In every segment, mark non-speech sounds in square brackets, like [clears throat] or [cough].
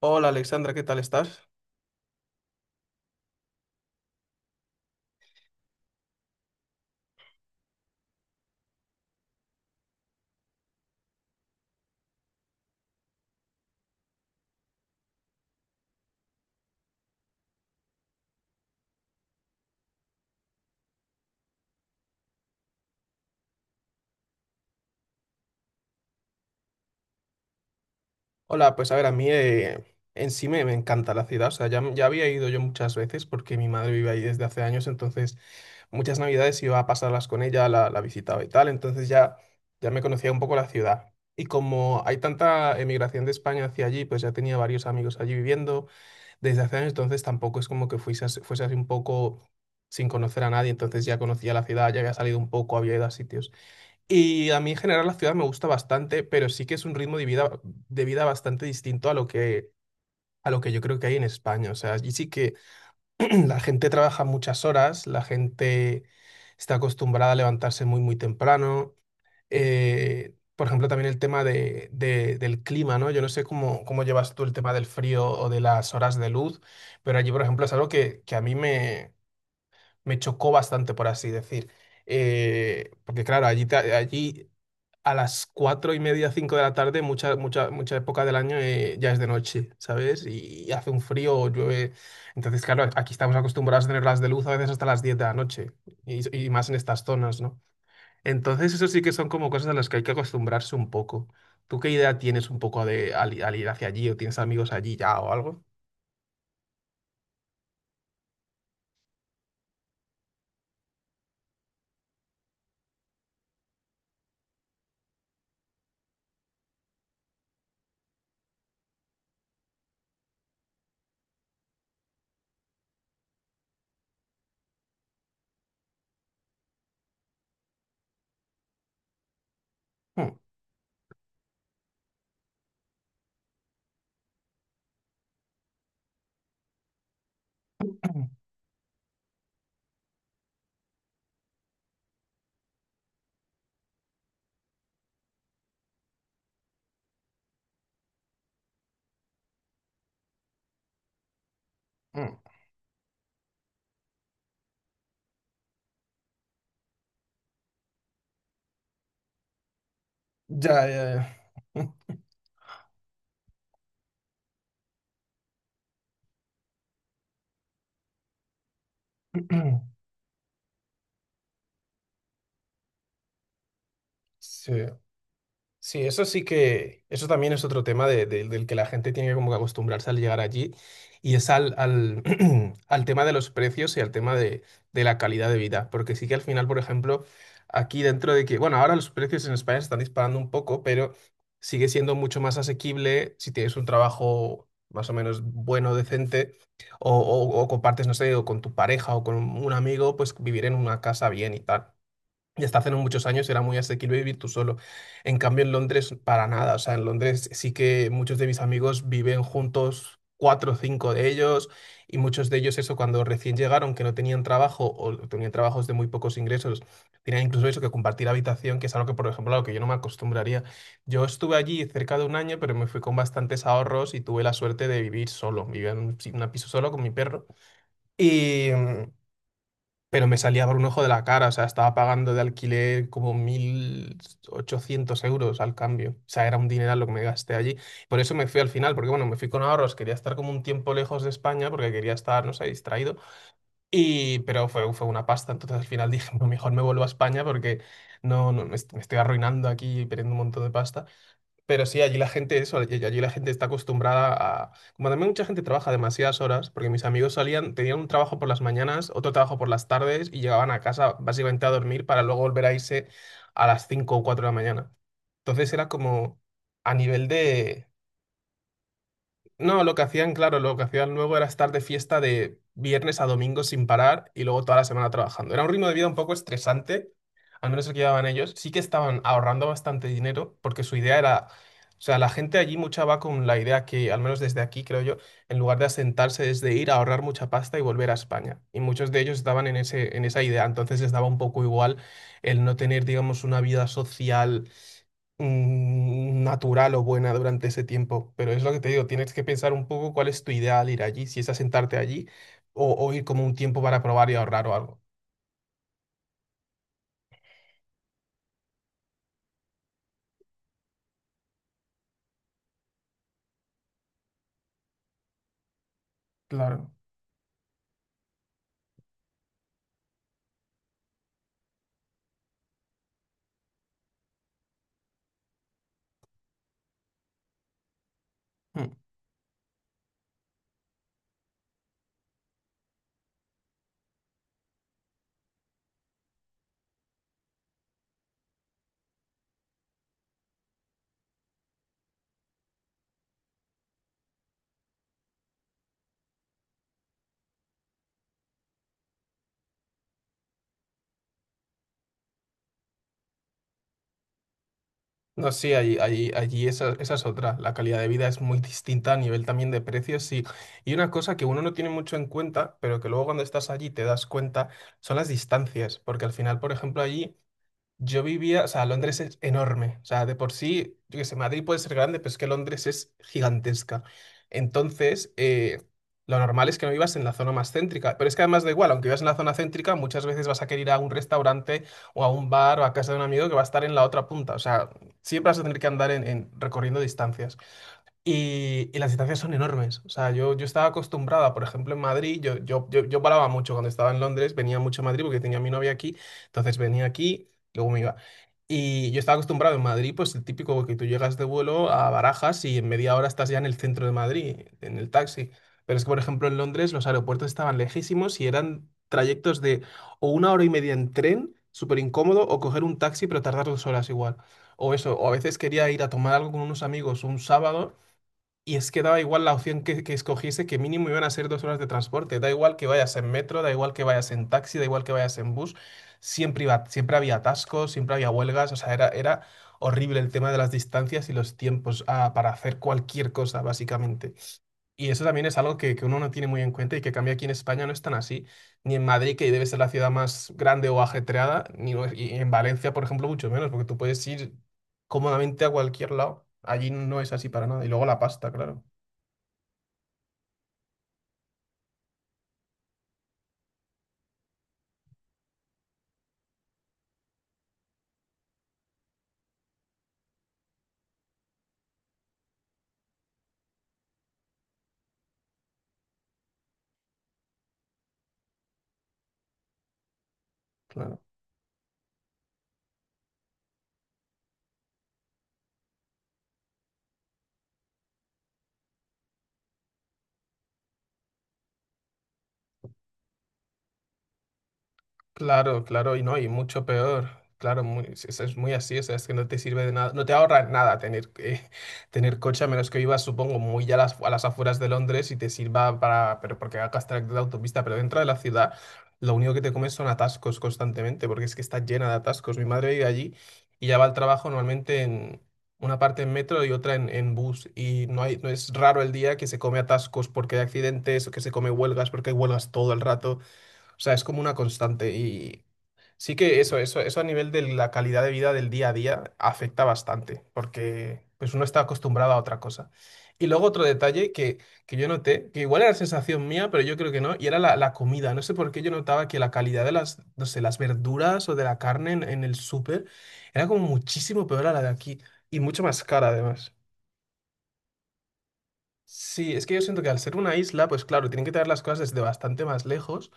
Hola Alexandra, ¿qué tal estás? Hola, pues a ver, a mí en sí me encanta la ciudad, o sea, ya había ido yo muchas veces porque mi madre vive ahí desde hace años, entonces muchas navidades iba a pasarlas con ella, la visitaba y tal, entonces ya me conocía un poco la ciudad. Y como hay tanta emigración de España hacia allí, pues ya tenía varios amigos allí viviendo desde hace años, entonces tampoco es como que fuese, fuese así un poco sin conocer a nadie, entonces ya conocía la ciudad, ya había salido un poco, había ido a sitios. Y a mí en general la ciudad me gusta bastante, pero sí que es un ritmo de vida bastante distinto a lo que yo creo que hay en España. O sea, allí sí que [clears throat] la gente trabaja muchas horas, la gente está acostumbrada a levantarse muy, muy temprano. Por ejemplo, también el tema del clima, ¿no? Yo no sé cómo llevas tú el tema del frío o de las horas de luz, pero allí, por ejemplo, es algo que a mí me chocó bastante, por así decir. Porque claro, allí, allí a las 4:30, 5 de la tarde, mucha, mucha, mucha época del año ya es de noche, ¿sabes? Y hace un frío o llueve. Entonces, claro, aquí estamos acostumbrados a tener las de luz a veces hasta las 10 de la noche y más en estas zonas, ¿no? Entonces, eso sí que son como cosas a las que hay que acostumbrarse un poco. ¿Tú qué idea tienes un poco de al ir hacia allí o tienes amigos allí ya o algo? Mm, mm, mm. Ya, ya, ya. [clears throat] Sí. Sí, eso sí que, eso también es otro tema del que la gente tiene que como que acostumbrarse al llegar allí y es [clears throat] al tema de los precios y al tema de la calidad de vida, porque sí que al final, por ejemplo, aquí dentro de que, bueno, ahora los precios en España se están disparando un poco, pero sigue siendo mucho más asequible si tienes un trabajo más o menos bueno, decente, o compartes, no sé, o con tu pareja o con un amigo, pues vivir en una casa bien y tal. Y hasta hace no muchos años era muy asequible vivir tú solo. En cambio, en Londres, para nada. O sea, en Londres sí que muchos de mis amigos viven juntos, cuatro o cinco de ellos, y muchos de ellos, eso, cuando recién llegaron, que no tenían trabajo o tenían trabajos de muy pocos ingresos, tenían incluso eso que compartir habitación, que es algo que, por ejemplo, a lo que yo no me acostumbraría. Yo estuve allí cerca de un año, pero me fui con bastantes ahorros y tuve la suerte de vivir solo. Vivía en un piso solo con mi perro. Y. mm, pero me salía por un ojo de la cara, o sea, estaba pagando de alquiler como 1.800 euros al cambio, o sea, era un dineral lo que me gasté allí. Por eso me fui al final, porque bueno, me fui con ahorros, quería estar como un tiempo lejos de España, porque quería estar, no sé, distraído, pero fue una pasta, entonces al final [laughs] dije, no, mejor me vuelvo a España porque no, no, me estoy arruinando aquí y perdiendo un montón de pasta. Pero sí, allí la gente, eso, allí la gente está acostumbrada a... Como también mucha gente trabaja demasiadas horas, porque mis amigos salían, tenían un trabajo por las mañanas, otro trabajo por las tardes y llegaban a casa básicamente a dormir para luego volver a irse a las 5 o 4 de la mañana. Entonces era como a nivel de... No, lo que hacían, claro, lo que hacían luego era estar de fiesta de viernes a domingo sin parar y luego toda la semana trabajando. Era un ritmo de vida un poco estresante, al menos el que llevaban ellos. Sí que estaban ahorrando bastante dinero porque su idea era, o sea, la gente allí mucha va con la idea que, al menos desde aquí, creo yo, en lugar de asentarse es de ir a ahorrar mucha pasta y volver a España. Y muchos de ellos estaban en esa idea, entonces les daba un poco igual el no tener, digamos, una vida social natural o buena durante ese tiempo. Pero es lo que te digo, tienes que pensar un poco cuál es tu ideal ir allí, si es asentarte allí o ir como un tiempo para probar y ahorrar o algo. Claro. Mm. No, sí, allí esa es otra. La calidad de vida es muy distinta a nivel también de precios y una cosa que uno no tiene mucho en cuenta, pero que luego cuando estás allí te das cuenta, son las distancias. Porque al final, por ejemplo, allí. Yo vivía, o sea, Londres es enorme, o sea, de por sí, yo qué sé, Madrid puede ser grande, pero es que Londres es gigantesca. Entonces, lo normal es que no vivas en la zona más céntrica, pero es que además da igual, aunque vivas en la zona céntrica, muchas veces vas a querer ir a un restaurante o a un bar o a casa de un amigo que va a estar en la otra punta, o sea, siempre vas a tener que andar recorriendo distancias. Y las distancias son enormes. O sea, yo estaba acostumbrada, por ejemplo, en Madrid, yo paraba mucho cuando estaba en Londres, venía mucho a Madrid porque tenía a mi novia aquí, entonces venía aquí, luego me iba. Y yo estaba acostumbrado en Madrid, pues el típico que tú llegas de vuelo a Barajas y en media hora estás ya en el centro de Madrid, en el taxi. Pero es que, por ejemplo, en Londres los aeropuertos estaban lejísimos y eran trayectos de o 1 hora y media en tren, súper incómodo, o coger un taxi pero tardar 2 horas igual. O eso, o a veces quería ir a tomar algo con unos amigos un sábado y es que daba igual la opción que escogiese, que mínimo iban a ser 2 horas de transporte. Da igual que vayas en metro, da igual que vayas en taxi, da igual que vayas en bus. Siempre iba, siempre había atascos, siempre había huelgas. O sea, era horrible el tema de las distancias y los tiempos para hacer cualquier cosa, básicamente. Y eso también es algo que uno no tiene muy en cuenta y que cambia aquí en España no es tan así. Ni en Madrid, que debe ser la ciudad más grande o ajetreada, ni y en Valencia, por ejemplo, mucho menos, porque tú puedes ir cómodamente a cualquier lado. Allí no es así para nada. Y luego la pasta, claro. Claro, claro, claro, y no, y mucho peor. Claro, es, es muy así, o sea, es que no te sirve de nada, no te ahorra nada [laughs] tener coche, a menos que vivas, supongo, muy a las afueras de Londres y te sirva para, pero porque hagas trayecto de autopista, pero dentro de la ciudad lo único que te comes son atascos constantemente, porque es que está llena de atascos. Mi madre vive allí y ya va al trabajo normalmente en una parte en metro y otra en bus, y no hay, no es raro el día que se come atascos porque hay accidentes o que se come huelgas porque hay huelgas todo el rato. O sea, es como una constante y sí que eso a nivel de la calidad de vida del día a día afecta bastante, porque pues uno está acostumbrado a otra cosa. Y luego otro detalle que yo noté, que igual era sensación mía, pero yo creo que no, y era la comida. No sé por qué yo notaba que la calidad de las, no sé, las verduras o de la carne en el súper era como muchísimo peor a la de aquí y mucho más cara además. Sí, es que yo siento que al ser una isla, pues claro, tienen que traer las cosas desde bastante más lejos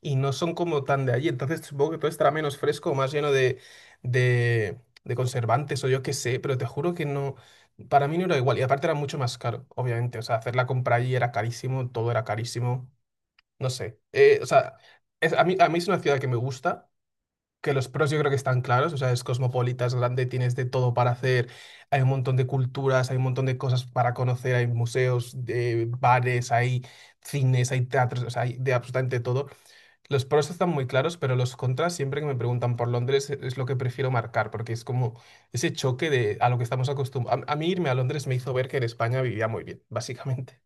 y no son como tan de allí. Entonces supongo que todo estará menos fresco, más lleno de conservantes o yo qué sé, pero te juro que no, para mí no era igual. Y aparte era mucho más caro, obviamente. O sea, hacer la compra allí era carísimo, todo era carísimo. No sé. O sea, a mí es una ciudad que me gusta. Que los pros yo creo que están claros, o sea, es cosmopolita, es grande, tienes de todo para hacer, hay un montón de culturas, hay un montón de cosas para conocer, hay museos, de bares, hay cines, hay teatros, o sea, hay de absolutamente todo. Los pros están muy claros, pero los contras siempre que me preguntan por Londres es lo que prefiero marcar, porque es como ese choque de a lo que estamos acostumbrados. A mí irme a Londres me hizo ver que en España vivía muy bien, básicamente.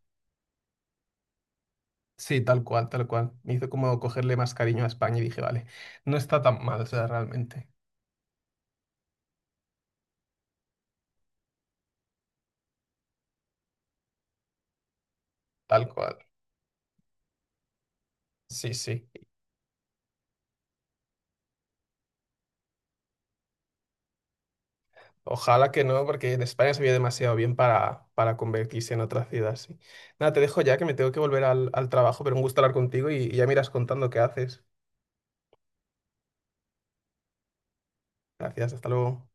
Sí, tal cual, tal cual. Me hizo como cogerle más cariño a España y dije, vale, no está tan mal, o sea, realmente. Tal cual. Sí, sí. Ojalá que no, porque en España se vive demasiado bien para convertirse en otra ciudad, sí. Nada, te dejo ya que me tengo que volver al trabajo, pero un gusto hablar contigo y ya miras contando qué haces. Gracias, hasta luego.